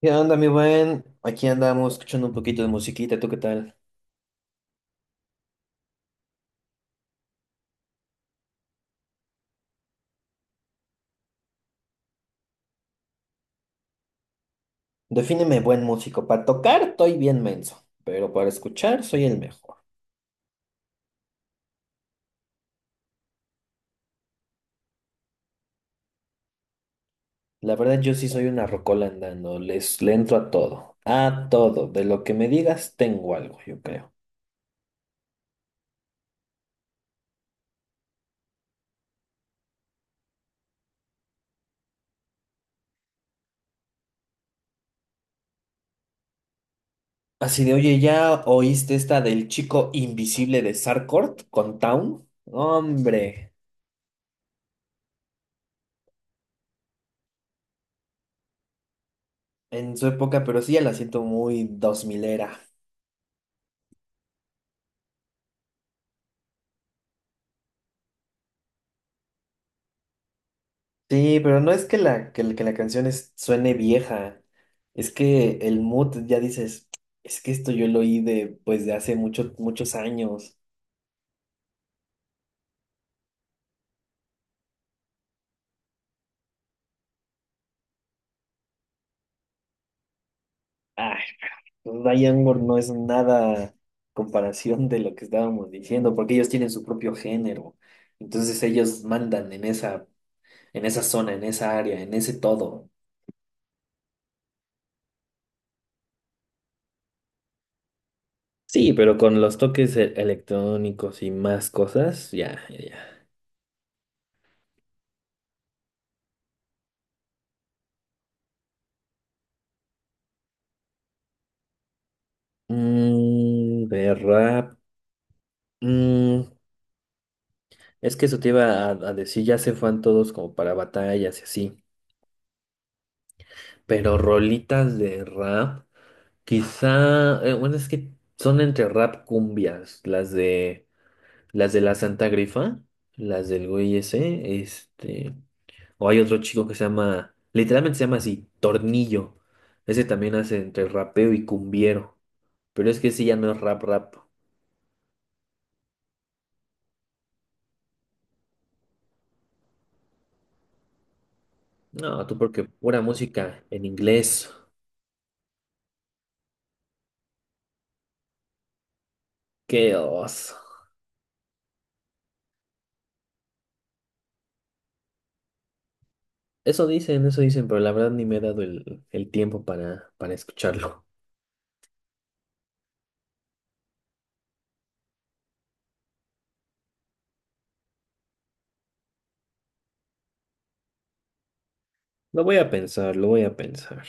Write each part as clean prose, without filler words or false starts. ¿Qué onda, mi buen? Aquí andamos escuchando un poquito de musiquita, ¿tú qué tal? Defíneme buen músico. Para tocar estoy bien menso, pero para escuchar soy el mejor. La verdad yo sí soy una rocola andando, le entro a todo, a todo. De lo que me digas tengo algo, yo creo. Así de, oye, ¿ya oíste esta del chico invisible de Sarkort con Town? Hombre, en su época, pero sí ya la siento muy dos milera. Sí, pero no es que la canción suene vieja, es que el mood ya dices, es que esto yo lo oí de, pues, de hace muchos, muchos años. Ay, Diane Moore no es nada comparación de lo que estábamos diciendo, porque ellos tienen su propio género. Entonces ellos mandan en esa zona, en esa área, en ese todo. Sí, pero con los toques electrónicos y más cosas, ya, ya, ya. Mm, de rap. Es que eso te iba a decir, ya se fueron todos como para batallas y así. Pero rolitas de rap, quizá, bueno, es que son entre rap cumbias, las de la Santa Grifa, las del güey ese, este, o hay otro chico que se llama, literalmente se llama así, Tornillo. Ese también hace entre rapeo y cumbiero. Pero es que ese ya no es rap rap. No, tú porque pura música en inglés. Qué oso. Eso dicen, pero la verdad ni me he dado el tiempo para escucharlo. Lo voy a pensar, lo voy a pensar.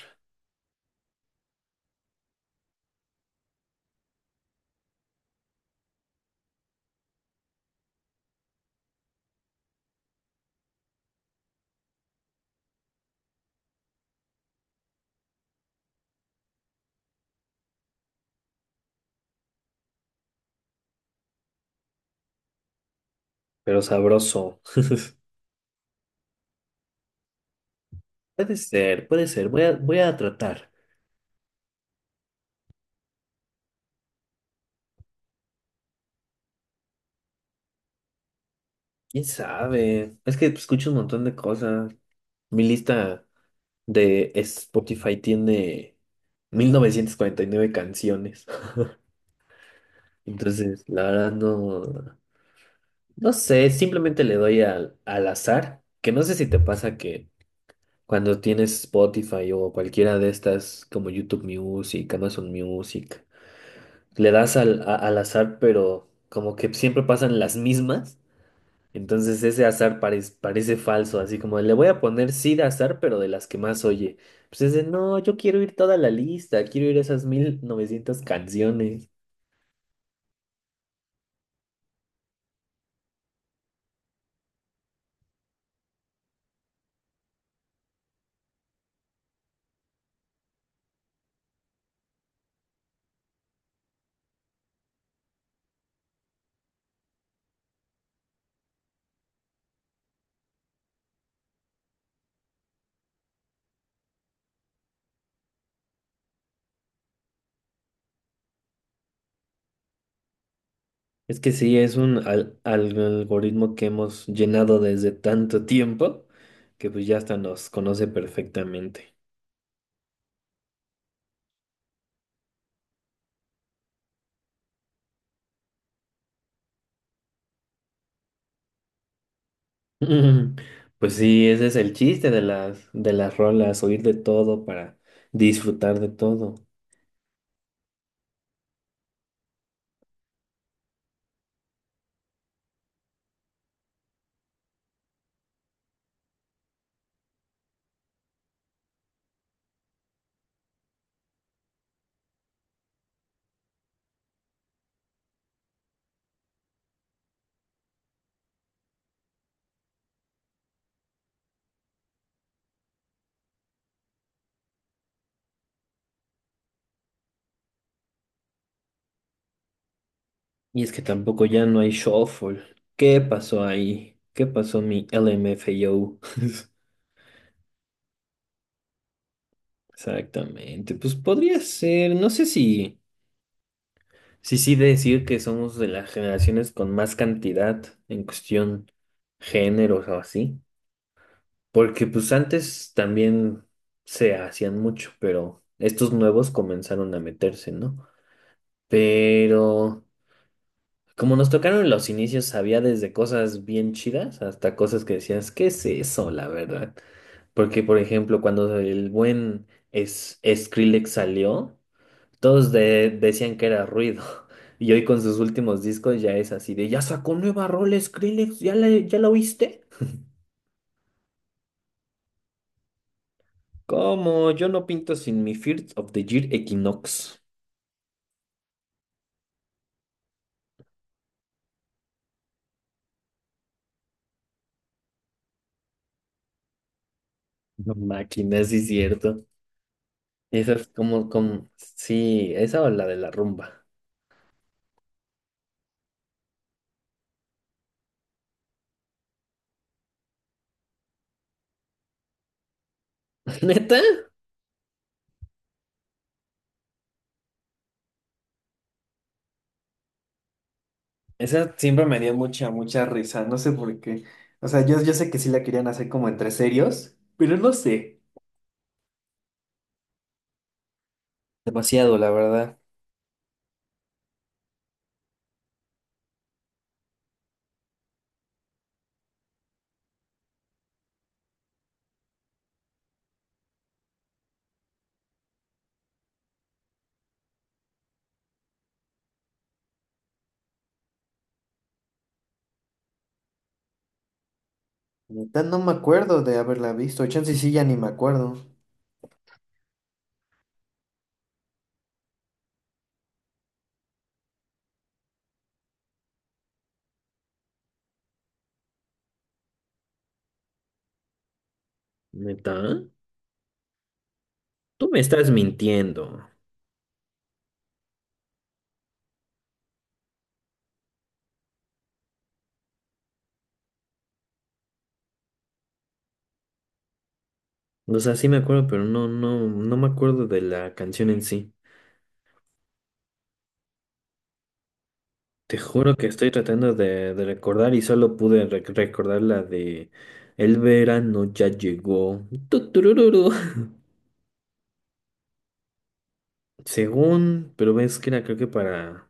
Pero sabroso. Puede ser, puede ser. Voy voy a tratar. ¿Quién sabe? Es que escucho un montón de cosas. Mi lista de Spotify tiene 1949 canciones. Entonces, la verdad no, no sé. Simplemente le doy al azar. Que no sé si te pasa que cuando tienes Spotify o cualquiera de estas como YouTube Music, Amazon Music, le das al azar, pero como que siempre pasan las mismas. Entonces ese azar parece falso, así como le voy a poner sí de azar, pero de las que más oye. Pues es de, no, yo quiero ir toda la lista, quiero ir esas 1900 canciones. Es que sí, es un algoritmo que hemos llenado desde tanto tiempo que pues ya hasta nos conoce perfectamente. Ujú. Pues sí, ese es el chiste de las rolas, oír de todo para disfrutar de todo. Y es que tampoco ya no hay shuffle. ¿Qué pasó ahí? ¿Qué pasó mi LMFAO? Exactamente. Pues podría ser, no sé si, si sí decir que somos de las generaciones con más cantidad en cuestión géneros o así. Porque pues antes también se hacían mucho, pero estos nuevos comenzaron a meterse, ¿no? Pero como nos tocaron en los inicios, había desde cosas bien chidas hasta cosas que decías, ¿qué es eso, la verdad? Porque, por ejemplo, cuando el buen es Skrillex salió, todos decían que era ruido. Y hoy con sus últimos discos ya es así de, ya sacó nueva rola Skrillex, ¿ya ya la oíste? Como yo no pinto sin mi First of the Year Equinox. No máquina, sí es cierto. Esa es sí, esa o la de la rumba. ¿Neta? Esa siempre me dio mucha, mucha risa, no sé por qué. O sea, yo sé que sí la querían hacer como entre serios, pero no sé. Demasiado, la verdad. Neta, no me acuerdo de haberla visto. Chance sí, ya ni me acuerdo. ¿Neta? Tú me estás mintiendo. O sea, sí me acuerdo, pero no me acuerdo de la canción en sí. Te juro que estoy tratando de recordar y solo pude recordar la de El verano ya llegó. Tuturururu. Según, pero ves que era creo que para...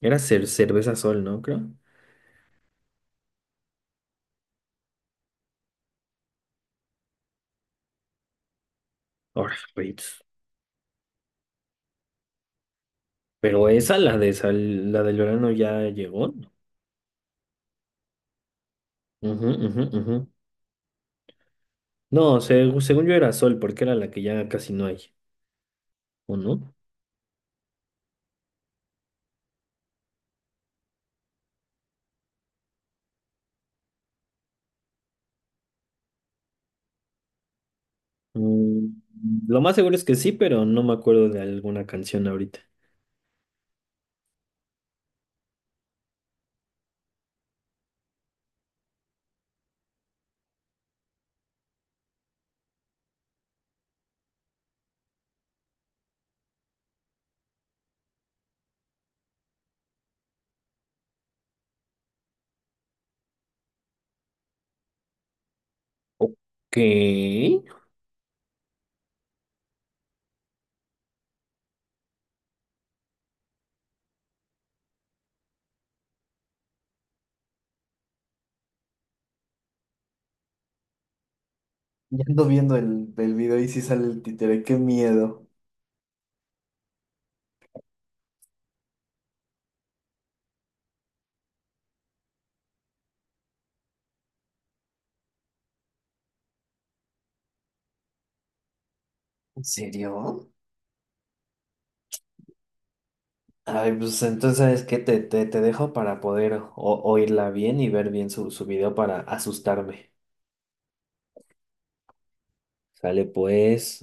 Era cerveza sol, ¿no? Creo. Ahora, Ritz. Pero esa, la de sal, la del verano ya llegó, ¿no? Ujú, ujú, ujú. No, según yo era sol, porque era la que ya casi no hay, ¿o no? Mm, lo más seguro es que sí, pero no me acuerdo de alguna canción ahorita. Ok. Ya ando viendo el video y si sale el títere, qué miedo. ¿En serio? Ay, pues entonces, ¿sabes qué? Te dejo para poder oírla bien y ver bien su, su video para asustarme. Sale pues.